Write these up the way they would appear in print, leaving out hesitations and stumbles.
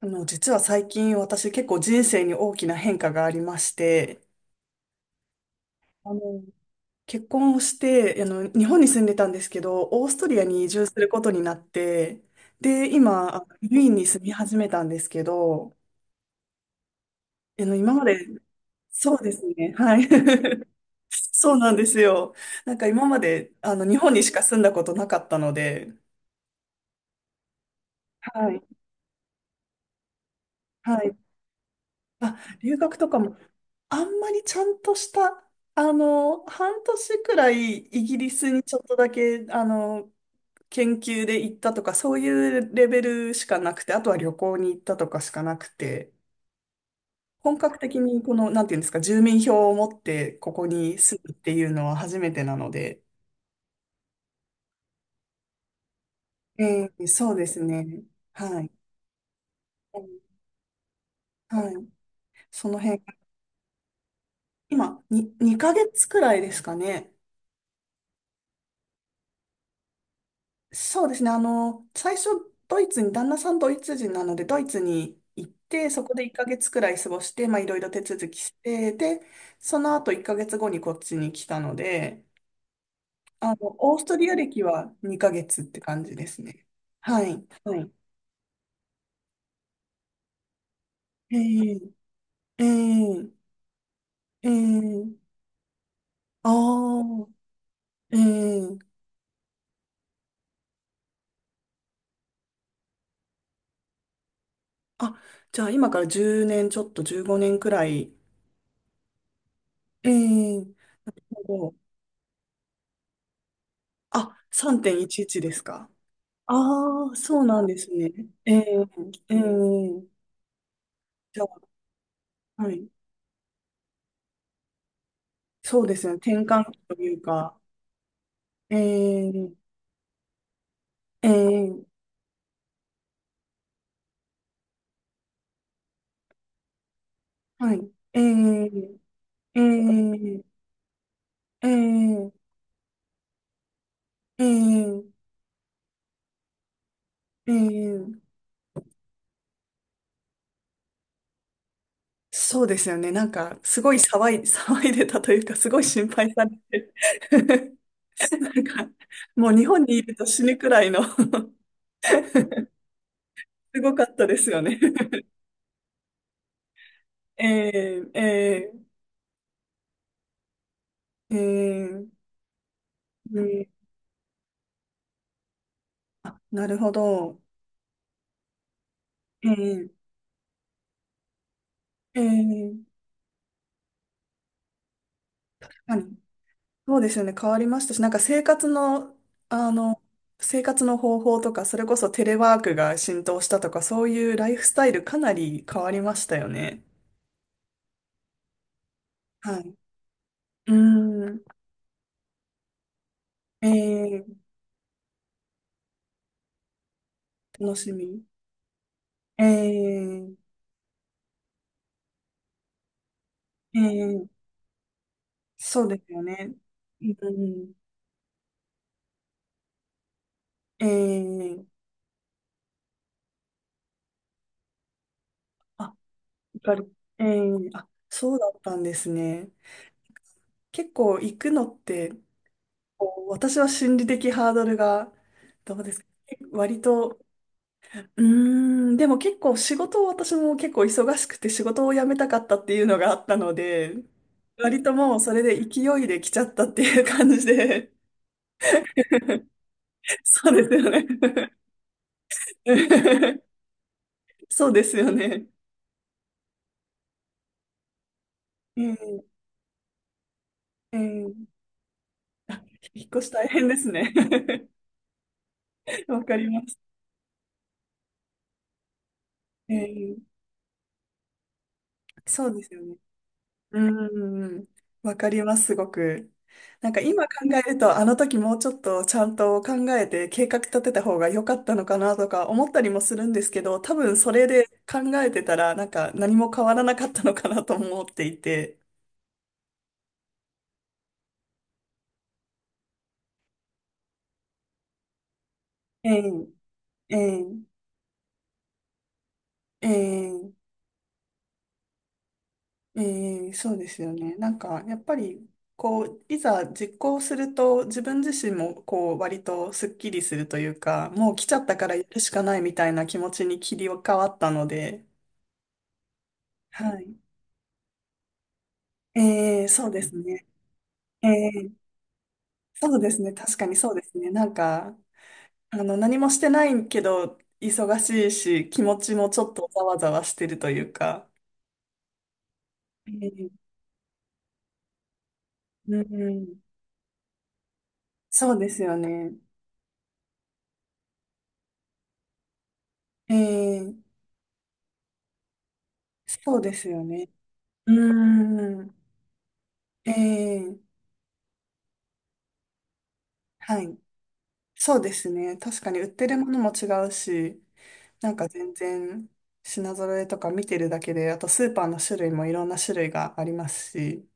実は最近私結構人生に大きな変化がありまして、あの、結婚をして、日本に住んでたんですけど、オーストリアに移住することになって、で、今、ウィーンに住み始めたんですけど、今まで、そうですね、はい。そうなんですよ。なんか今まで、日本にしか住んだことなかったので、はい、はい。あ、留学とかもあんまりちゃんとした、半年くらいイギリスにちょっとだけ、研究で行ったとか、そういうレベルしかなくて、あとは旅行に行ったとかしかなくて、本格的にこの、なんていうんですか、住民票を持ってここに住むっていうのは初めてなので、そうですね。はい。はい。その辺、今、に、2ヶ月くらいですかね。そうですね。最初、ドイツに、旦那さんドイツ人なので、ドイツに行って、そこで1ヶ月くらい過ごして、まあ、いろいろ手続きして、で、その後1ヶ月後にこっちに来たので、オーストリア歴は2ヶ月って感じですね。はい。はい。えええええー、ああ、ええ、あ、じゃあ今から10年、ちょっと15年くらい。ええ、なるほど。あ、3.11ですか。ああ、そうなんですね。ええ、ええ、じゃあ、はい。そうですね。転換期というか、ええ、ええ、はい。ええ、ええ、ええ、ええ、ええ、そうですよね。なんか、すごい騒いでたというか、すごい心配されて。なんか、もう日本にいると死ぬくらいの すごかったですよね。ええ、ええ、ええ、うん、あ、なるほど。ええ、ええ、あ、そうですよね。変わりましたし、なんかあの、生活の方法とか、それこそテレワークが浸透したとか、そういうライフスタイルかなり変わりましたよね。はい。うーん、ええ、楽しみ。ええ、ええ、そうですよね。うん、ええ、あ、やっぱり、ええ、あ、そうだったんですね。結構行くのって、こう私は心理的ハードルが、どうですか割と、うーん、でも結構仕事を私も結構忙しくて仕事を辞めたかったっていうのがあったので、割ともうそれで勢いで来ちゃったっていう感じで、そうですよね。そうですよね。ええええ、引っ越し大変ですね。わかります。ええ、そうですよね。うん。わかります、すごく。なんか今考えると、あの時もうちょっとちゃんと考えて計画立てた方が良かったのかなとか思ったりもするんですけど、多分それで考えてたら、なんか何も変わらなかったのかなと思っていて。ええ、ええ、ええ。ええ、そうですよね。なんか、やっぱり、こう、いざ実行すると、自分自身も、こう、割とスッキリするというか、もう来ちゃったからやるしかないみたいな気持ちに切り替わったので、はい。ええ、そうですね。ええ、そうですね。確かにそうですね。なんか、何もしてないけど、忙しいし、気持ちもちょっとざわざわしてるというか、ええ、うん、そうですよね。ええ、そうですよね。うーん。ええ、はい。そうですね。確かに売ってるものも違うし、なんか全然品揃えとか見てるだけで、あとスーパーの種類もいろんな種類がありますし、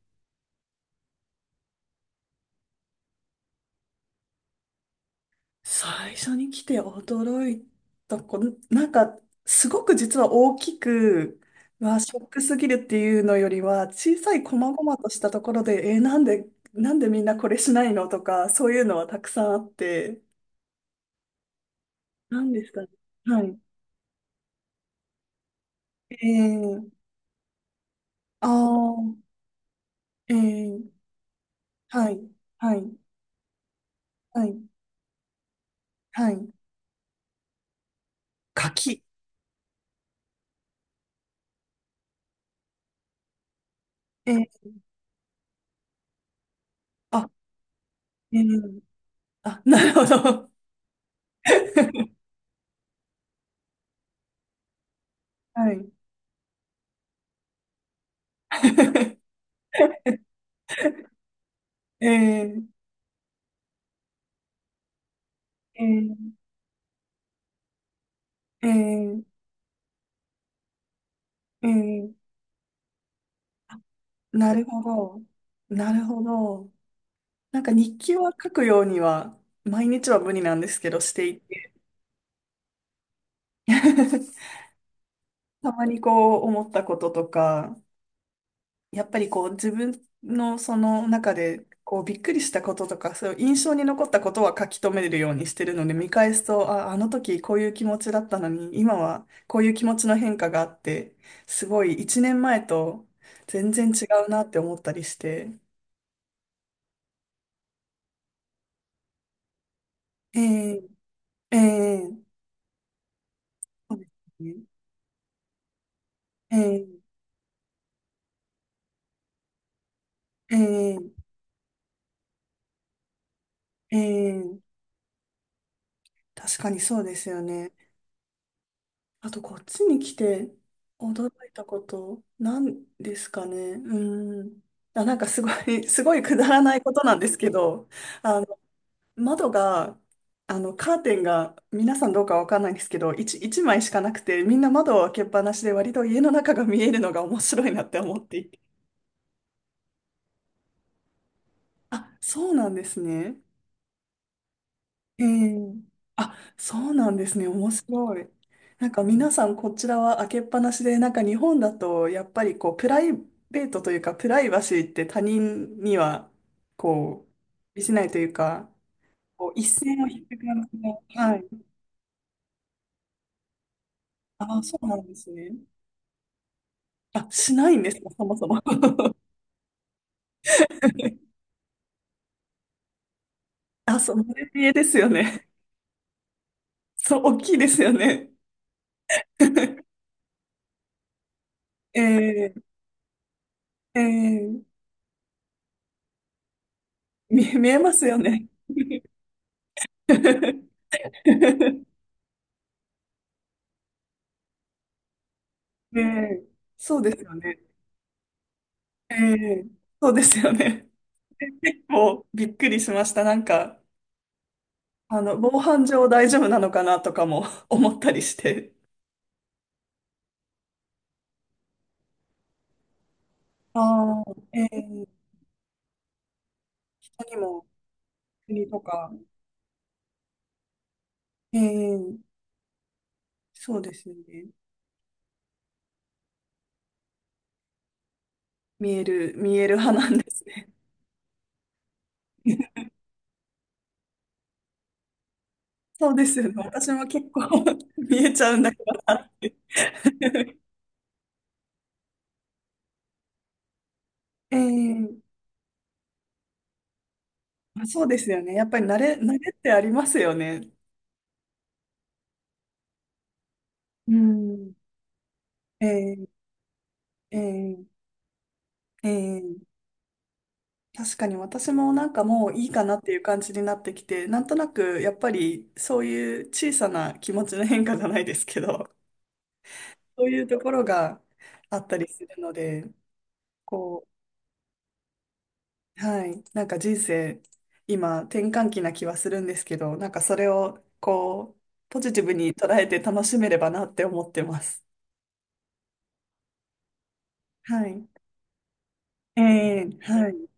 最初に来て驚いたこの、なんかすごく実は大きく、うわ、ショックすぎるっていうのよりは、小さい細々としたところで、なんで、なんでみんなこれしないのとか、そういうのはたくさんあって、なんですかね。はい。ええ、ああ、ええ、はい、はい、はい、はい。柿。ええ、あ、ええ、あ、なるほど。はい。ええええええええ、なるほど。なるほど。なんか日記は書くようには、毎日は無理なんですけど、していて。たまにこう思ったこととか、やっぱりこう自分のその中でこうびっくりしたこととか、そういう印象に残ったことは書き留めるようにしてるので、見返すと、あ、あの時こういう気持ちだったのに、今はこういう気持ちの変化があって、すごい一年前と全然違うなって思ったりして。ええ、ええ、そうですね、ええ、ええ、ええ、確かにそうですよね。あと、こっちに来て驚いたこと、なんですかね。うーん。あ、なんかすごい、すごいくだらないことなんですけど、あの、窓が、あの、カーテンが、皆さんどうかわかんないんですけど、一枚しかなくて、みんな窓を開けっぱなしで、割と家の中が見えるのが面白いなって思っていて。あ、そうなんですね。へえ。あ、そうなんですね。面白い。なんか皆さんこちらは開けっぱなしで、なんか日本だとやっぱりこうプライベートというかプライバシーって他人にはこう、しないというか、こう一線を引く感じが。はい。あ、そうなんですね。あ、しないんですか、そもそも。あ、そう、マルピエですよね。そう、大きいですよね。えー、えー、見えますよね。ええ、そうですよね。ええ、そうですよね。結構びっくりしました。なんか、防犯上大丈夫なのかなとかも 思ったりして。ああ、ええ、他にも国とか、ええ、そうですよね。見える、見える派なんですね。そうですよね。私も結構 見えちゃうんだけどなって。ええ、あ、そうですよね。やっぱり慣れってありますよね。うん。ええ、ええ、ええ。確かに私もなんかもういいかなっていう感じになってきて、なんとなくやっぱりそういう小さな気持ちの変化じゃないですけど、そういうところがあったりするので、こう、はい、なんか人生、今転換期な気はするんですけど、なんかそれをこう、ポジティブに捉えて楽しめればなって思ってます。はい。ええ、はい。